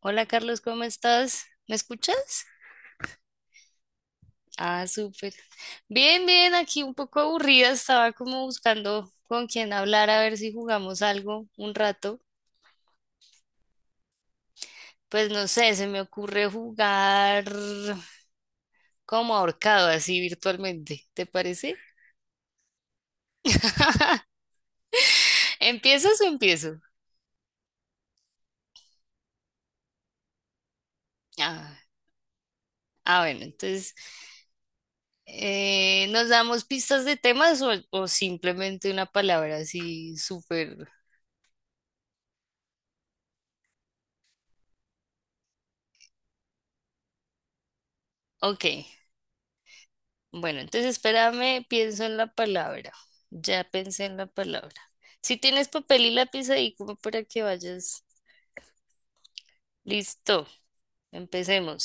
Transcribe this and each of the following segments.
Hola Carlos, ¿cómo estás? ¿Me escuchas? Ah, súper. Bien, bien, aquí un poco aburrida, estaba como buscando con quién hablar a ver si jugamos algo un rato. Pues no sé, se me ocurre jugar como ahorcado, así virtualmente, ¿te parece? ¿Empiezas o empiezo? Ah, ah, bueno, entonces, ¿nos damos pistas de temas o simplemente una palabra así súper? Ok, bueno, entonces espérame, pienso en la palabra. Ya pensé en la palabra. Si tienes papel y lápiz ahí, como para que vayas. Listo, empecemos.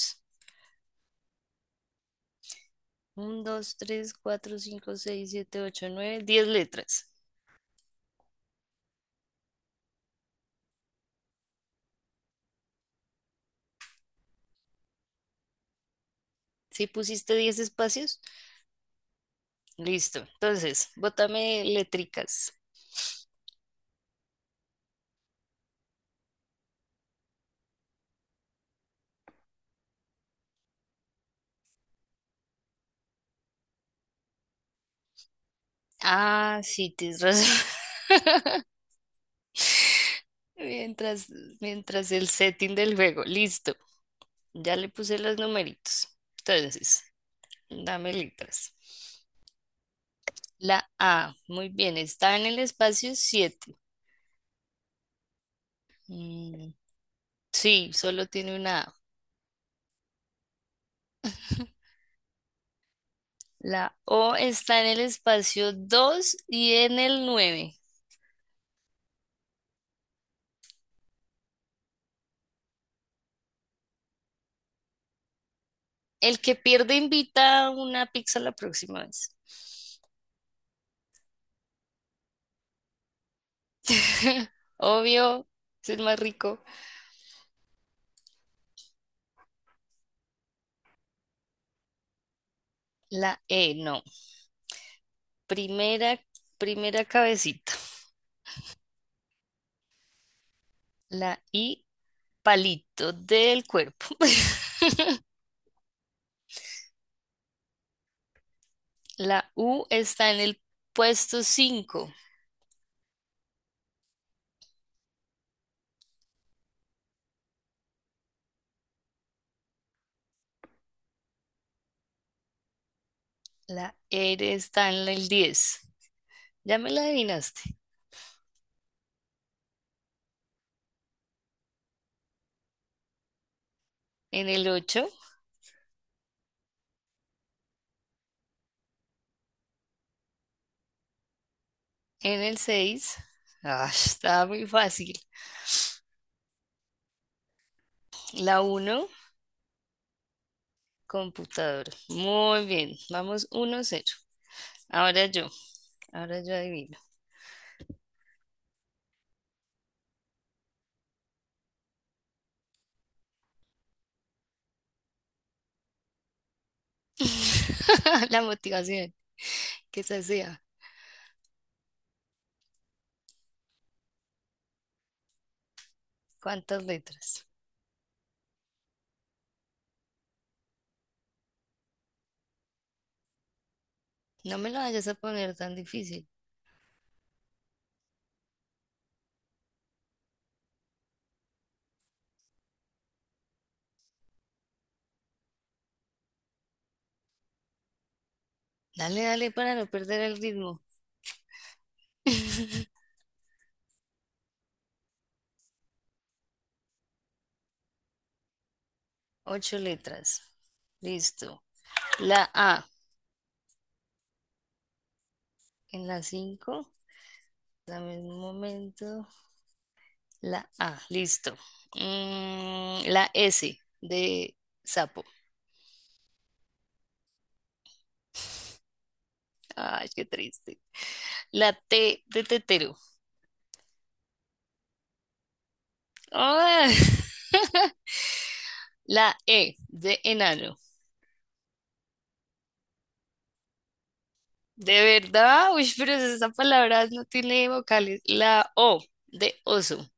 Uno, dos, tres, cuatro, cinco, seis, siete, ocho, nueve, diez letras. ¿Si pusiste diez espacios? Listo. Entonces, bótame letricas. Ah, sí, tienes razón. Mientras, mientras el setting del juego. Listo. Ya le puse los numeritos. Entonces, dame letras. La A, muy bien, está en el espacio 7. Sí, solo tiene una A. La O está en el espacio 2 y en el nueve. El que pierde invita una pizza la próxima vez. Obvio, es el más rico. La E, no. Primera, primera cabecita. La I, palito del cuerpo. La U está en el puesto 5. La R está en el 10. Ya me la adivinaste. En el ocho, en el seis. Ah, estaba muy fácil. La uno. Computador. Muy bien. Vamos uno cero. Ahora yo. Ahora yo adivino. La motivación. Que se sea. ¿Cuántas letras? No me lo vayas a poner tan difícil. Dale, dale para no perder el ritmo. Ocho letras. Listo. La A en la cinco. Dame un momento. La A, listo. Mm, la S de sapo. Ay, qué triste. La T de tetero. Ay. La E de enano. De verdad, uy, pero esa palabra no tiene vocales. La O de oso.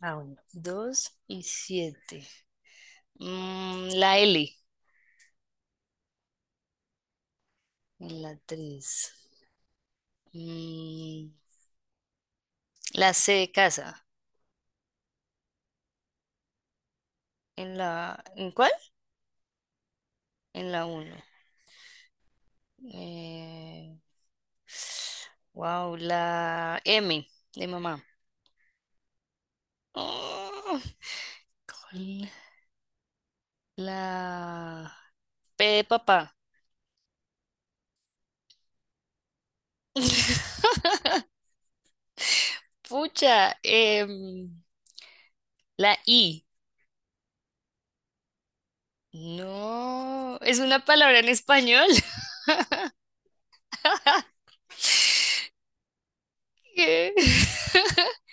Ah, bueno. Dos y siete. Mm, la L en la tres. Mm, la C de casa. ¿En la, en cuál? En la uno. Eh, Wow, la M de mamá. Oh, con la P de papá. Pucha, la I. No, es una palabra en español. ¿Qué?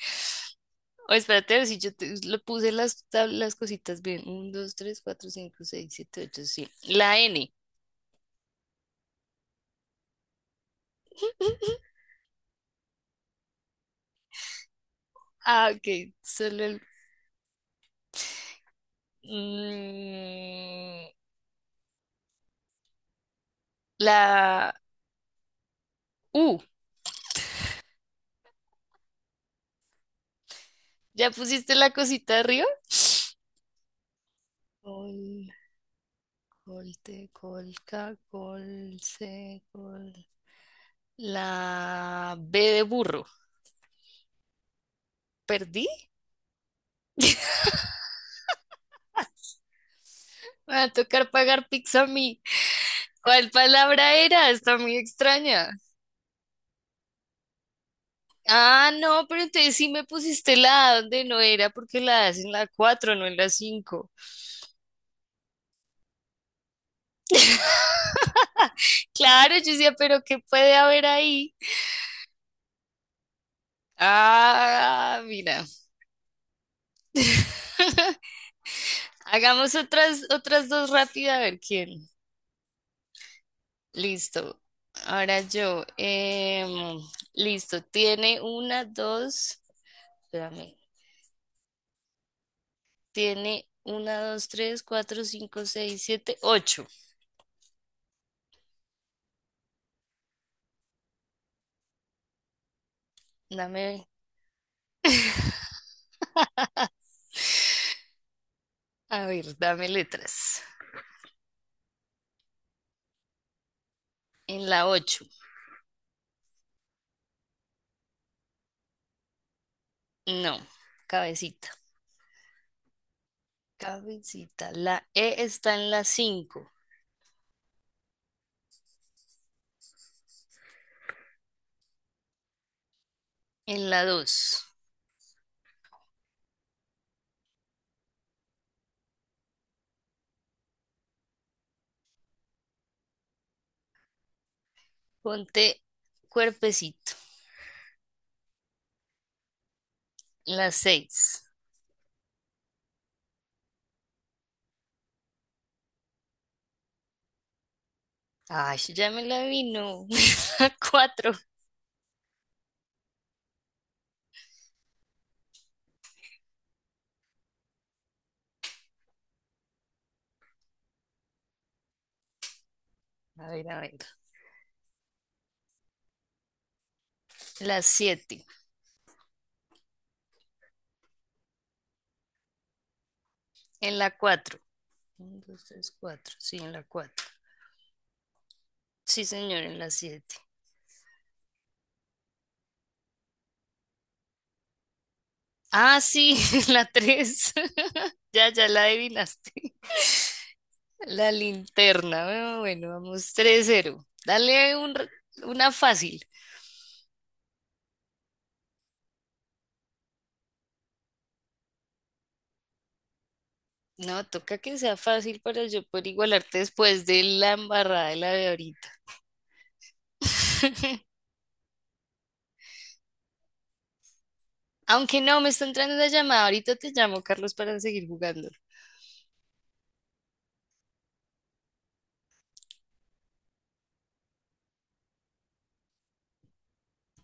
O espérate, a ver si yo te- le puse las, tab- las cositas bien. Uno, 2, 3, 4, 5, 6, 7, 8. Sí. La N. Ah, ok. Solo el... Mm, la U. ¿Ya pusiste la cosita arriba? Col, colte, colca, colce, col. La B de burro. ¿Perdí? Me va a tocar pagar pizza a mí. ¿Cuál palabra era? Está muy extraña. Ah, no, pero entonces sí me pusiste la A donde no era, porque la A es en la 4, no en la cinco. Claro, yo decía, pero ¿qué puede haber ahí? Ah, mira. Hagamos otras, otras dos rápidas a ver quién. Listo. Ahora yo. Listo. Tiene una, dos. Espérame. Tiene una, dos, tres, cuatro, cinco, seis, siete, ocho. Dame. A ver, dame letras. En la ocho. No. Cabecita. Cabecita. La E está en la cinco. En la dos. Ponte cuerpecito. En la seis. Ay, ya me la vino. Cuatro. A ver, a ver. La 7. En la cuatro. Uno, dos, tres, cuatro. Sí, en la 4. Sí, señor, en la siete. Ah, sí, en la 3. Ya, ya la adivinaste. La linterna. Bueno, bueno, vamos tres cero. Dale un r- una fácil. No, toca que sea fácil para yo poder igualarte después de la embarrada de la de ahorita. Aunque no, me está entrando la llamada. Ahorita te llamo, Carlos, para seguir jugando.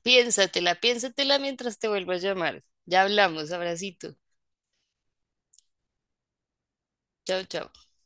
Piénsatela, piénsatela mientras te vuelvo a llamar. Ya hablamos, abracito. Chao, chao.